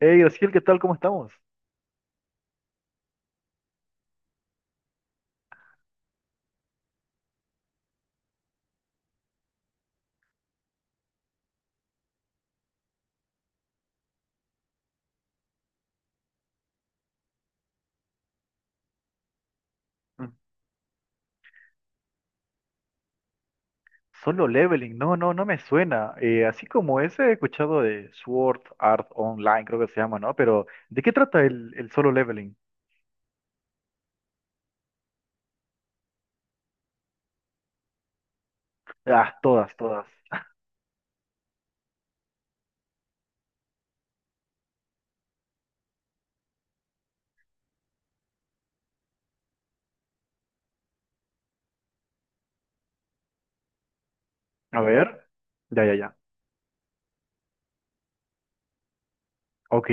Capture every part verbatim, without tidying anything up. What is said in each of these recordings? Hey, Graciel, ¿qué tal? ¿Cómo estamos? Mm, Solo leveling, no, no, no me suena. Eh, así como ese he escuchado de Sword Art Online, creo que se llama, ¿no? Pero, ¿de qué trata el, el solo leveling? Ah, todas, todas. A ver. Ya, ya, ya. Ok.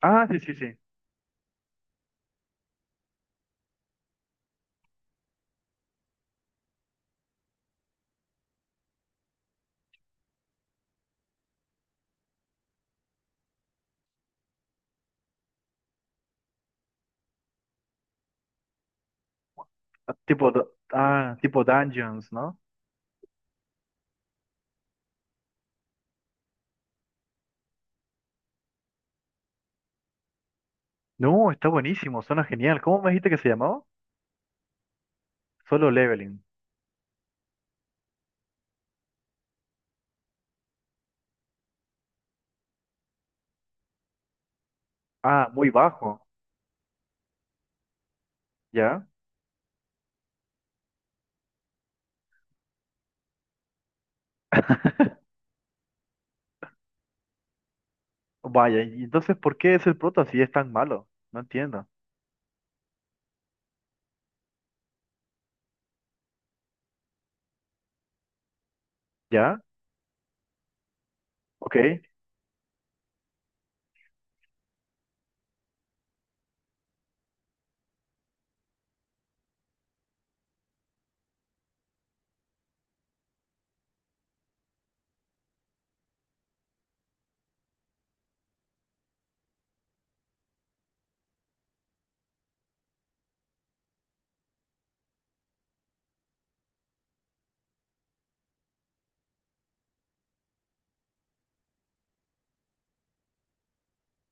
Ah, sí, sí, sí. Ah, Tipo, du- ah, tipo dungeons, ¿no? No, está buenísimo, suena genial. ¿Cómo me dijiste que se llamaba? Solo leveling. Ah, muy bajo, ¿ya? Vaya, y entonces, ¿por qué es el prota si es tan malo? No entiendo. ¿Ya? Ok.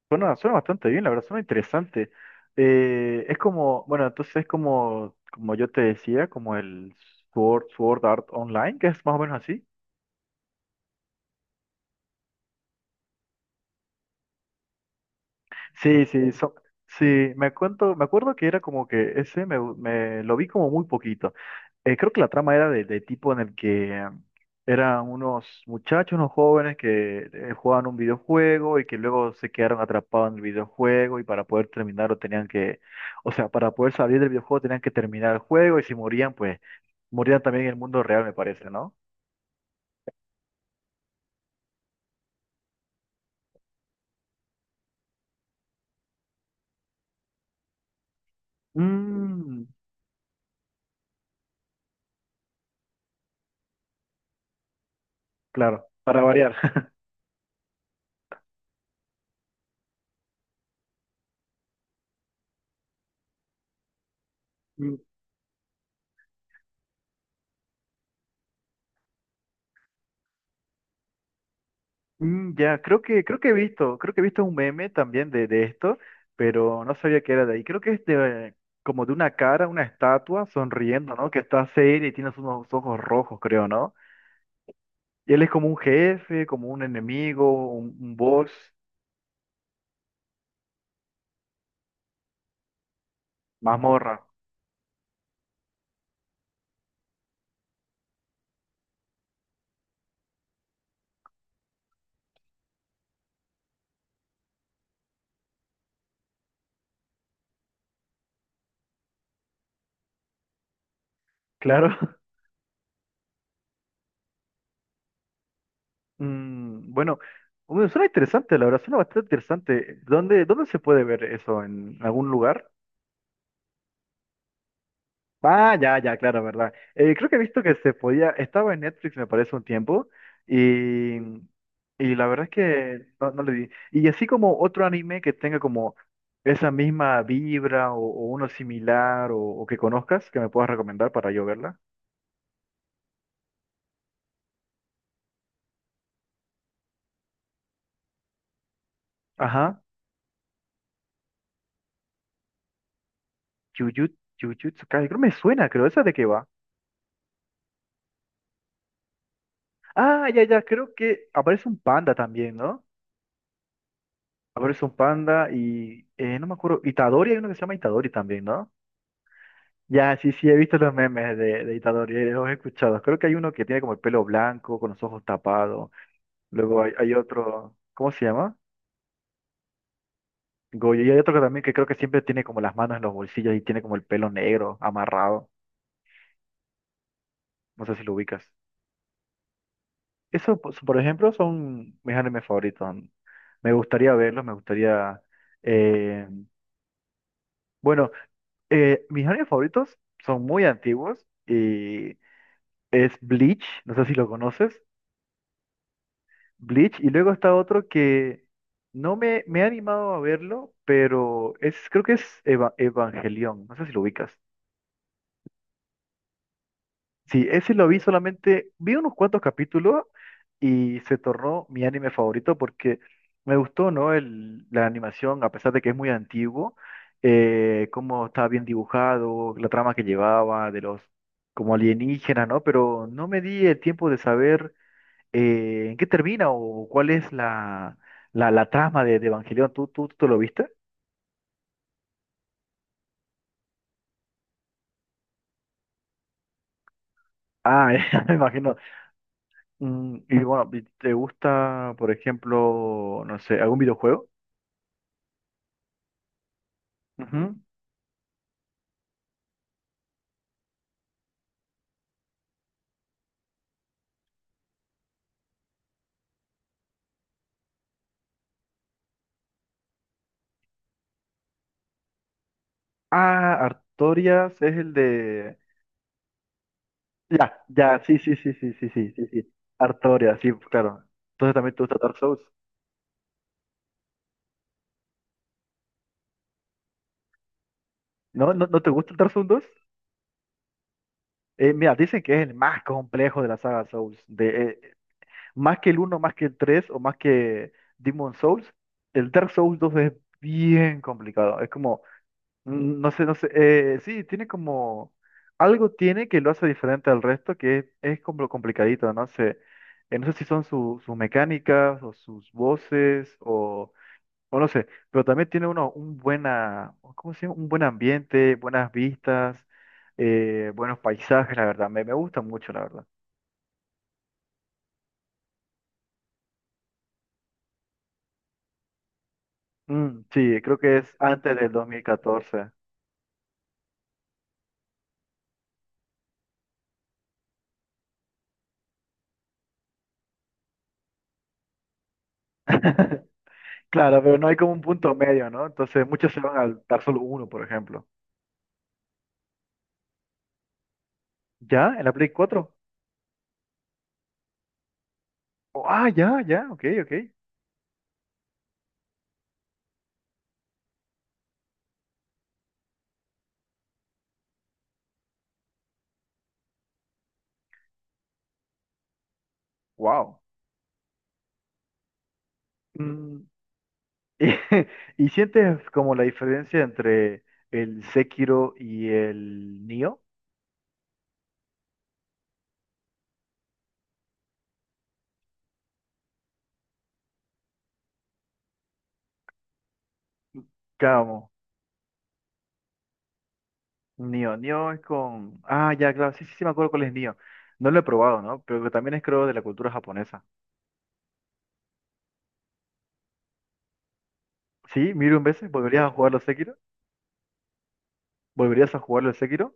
Suena, suena bastante bien, la verdad, suena interesante. Eh, es como, bueno, entonces es como, como yo te decía, como el Sword, Sword Art Online, que es más o menos así. Sí, sí, so- sí, me cuento, me acuerdo que era como que ese me, me lo vi como muy poquito. Eh, creo que la trama era de, de tipo en el que eh, eran unos muchachos, unos jóvenes que eh, jugaban un videojuego y que luego se quedaron atrapados en el videojuego y para poder terminarlo tenían que, o sea, para poder salir del videojuego tenían que terminar el juego y si morían, pues morían también en el mundo real, me parece, ¿no? Mm, claro, para variar. Mm, ya, creo que, creo que he visto, creo que he visto un meme también de, de esto, pero no sabía que era de ahí. Creo que es de, como de una cara, una estatua sonriendo, ¿no? Que está seria y tiene unos ojos rojos, creo, ¿no? Y él es como un jefe, como un enemigo, un, un boss, mazmorra, claro. Mm, bueno, bueno, suena interesante, la verdad, suena bastante interesante. ¿Dónde, dónde se puede ver eso? ¿En algún lugar? Ah, ya, ya, claro, verdad. Eh, creo que he visto que se podía, estaba en Netflix, me parece, un tiempo, y, y la verdad es que no, no le di. Y así como otro anime que tenga como esa misma vibra o, o uno similar o, o que conozcas, que me puedas recomendar para yo verla. Ajá, Jujutsu, Jujutsu Kaisen, creo me suena, creo, ¿esa de qué va? Ah, ya, ya, creo que aparece un panda también, ¿no? Aparece un panda y, eh, no me acuerdo, Itadori, hay uno que se llama Itadori también, ¿no? Ya, sí, sí, he visto los memes de, de Itadori, eh, los he escuchado. Creo que hay uno que tiene como el pelo blanco, con los ojos tapados. Luego hay, hay otro, ¿cómo se llama? Goyo. Y hay otro que también que creo que siempre tiene como las manos en los bolsillos y tiene como el pelo negro, amarrado. No sé si lo ubicas. Eso, pues, por ejemplo, son mis animes favoritos. Me gustaría verlos, me gustaría... eh, Bueno, eh, mis animes favoritos son muy antiguos y es Bleach, no sé si lo conoces. Bleach y luego está otro que no me, me he animado a verlo, pero es, creo que es Eva- Evangelion, no sé si lo ubicas. Sí, ese lo vi solamente, vi unos cuantos capítulos y se tornó mi anime favorito porque me gustó, ¿no? El, la animación, a pesar de que es muy antiguo, eh, cómo estaba bien dibujado, la trama que llevaba, de los como alienígenas, ¿no? Pero no me di el tiempo de saber. Eh, ¿en qué termina o cuál es la, la, la trama de, de Evangelion? ¿Tú, tú, tú lo viste? Ah, ya me imagino. Mm, y bueno, y ¿te gusta, por ejemplo, no sé, algún videojuego? Ujú. Ah, Artorias es el de... Ya, ya, sí, sí, sí, sí, sí, sí, sí, sí. Artorias, sí, claro. Entonces también te gusta Dark Souls. ¿No, ¿no, no te gusta el Dark Souls dos? Eh, mira, dicen que es el más complejo de la saga Souls. De, eh, más que el uno, más que el tres, o más que Demon Souls, el Dark Souls dos es bien complicado. Es como, mm, no sé, no sé, eh, sí, tiene como, algo tiene que lo hace diferente al resto, que es, es como complicadito, no sé. Eh, no sé si son su- sus mecánicas o sus voces o, o no sé, pero también tiene uno un buena, ¿cómo se llama? Un buen ambiente, buenas vistas, eh, buenos paisajes, la verdad. Me, me gusta mucho, la verdad. Mm, sí, creo que es antes del dos mil catorce. Claro, pero no hay como un punto medio, ¿no? Entonces muchos se van al Dark Souls uno, por ejemplo. ¿Ya? ¿En la Play cuatro? Oh, ah, ya, ya, ok, ok. Wow. Mm, y, ¿sientes como la diferencia entre el Sekiro y el Nioh? Claro, Nioh, Nioh es con... Ah, ya, claro, sí, sí, sí, me acuerdo cuál es Nioh. No lo he probado, ¿no? Pero que también es creo de la cultura japonesa. Sí, miro un veces, ¿volverías a jugarlo Sekiro? ¿Volverías a jugarlo el Sekiro?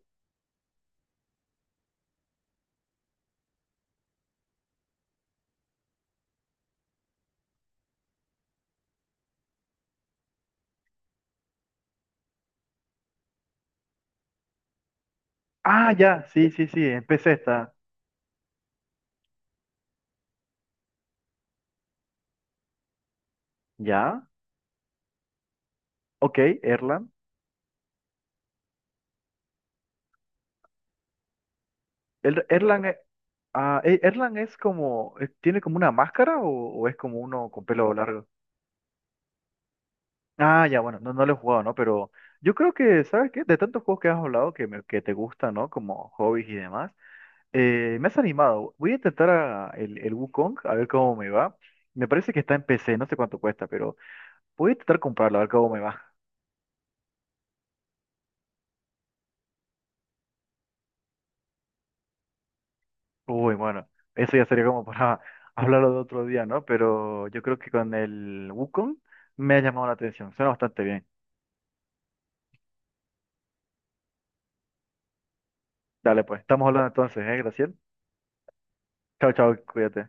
Ah, ya, sí, sí, sí, en P C está. ¿Ya? Ok, Erlan. El- Erlan, e- ah, e- Erlan es como, eh, ¿tiene como una máscara o, o es como uno con pelo largo? Ah, ya, bueno, no, no lo he jugado, ¿no? Pero yo creo que, ¿sabes qué? De tantos juegos que has hablado que, me- que te gustan, ¿no? Como hobbies y demás, eh, me has animado. Voy a intentar a- el, el Wukong, a ver cómo me va. Me parece que está en P C, no sé cuánto cuesta, pero voy a intentar comprarlo, a ver cómo me va. Uy, bueno, eso ya sería como para hablarlo de otro día, ¿no? Pero yo creo que con el Wukong me ha llamado la atención. Suena bastante bien. Dale, pues, estamos hablando entonces, ¿eh, Graciela? Chao, chao, cuídate.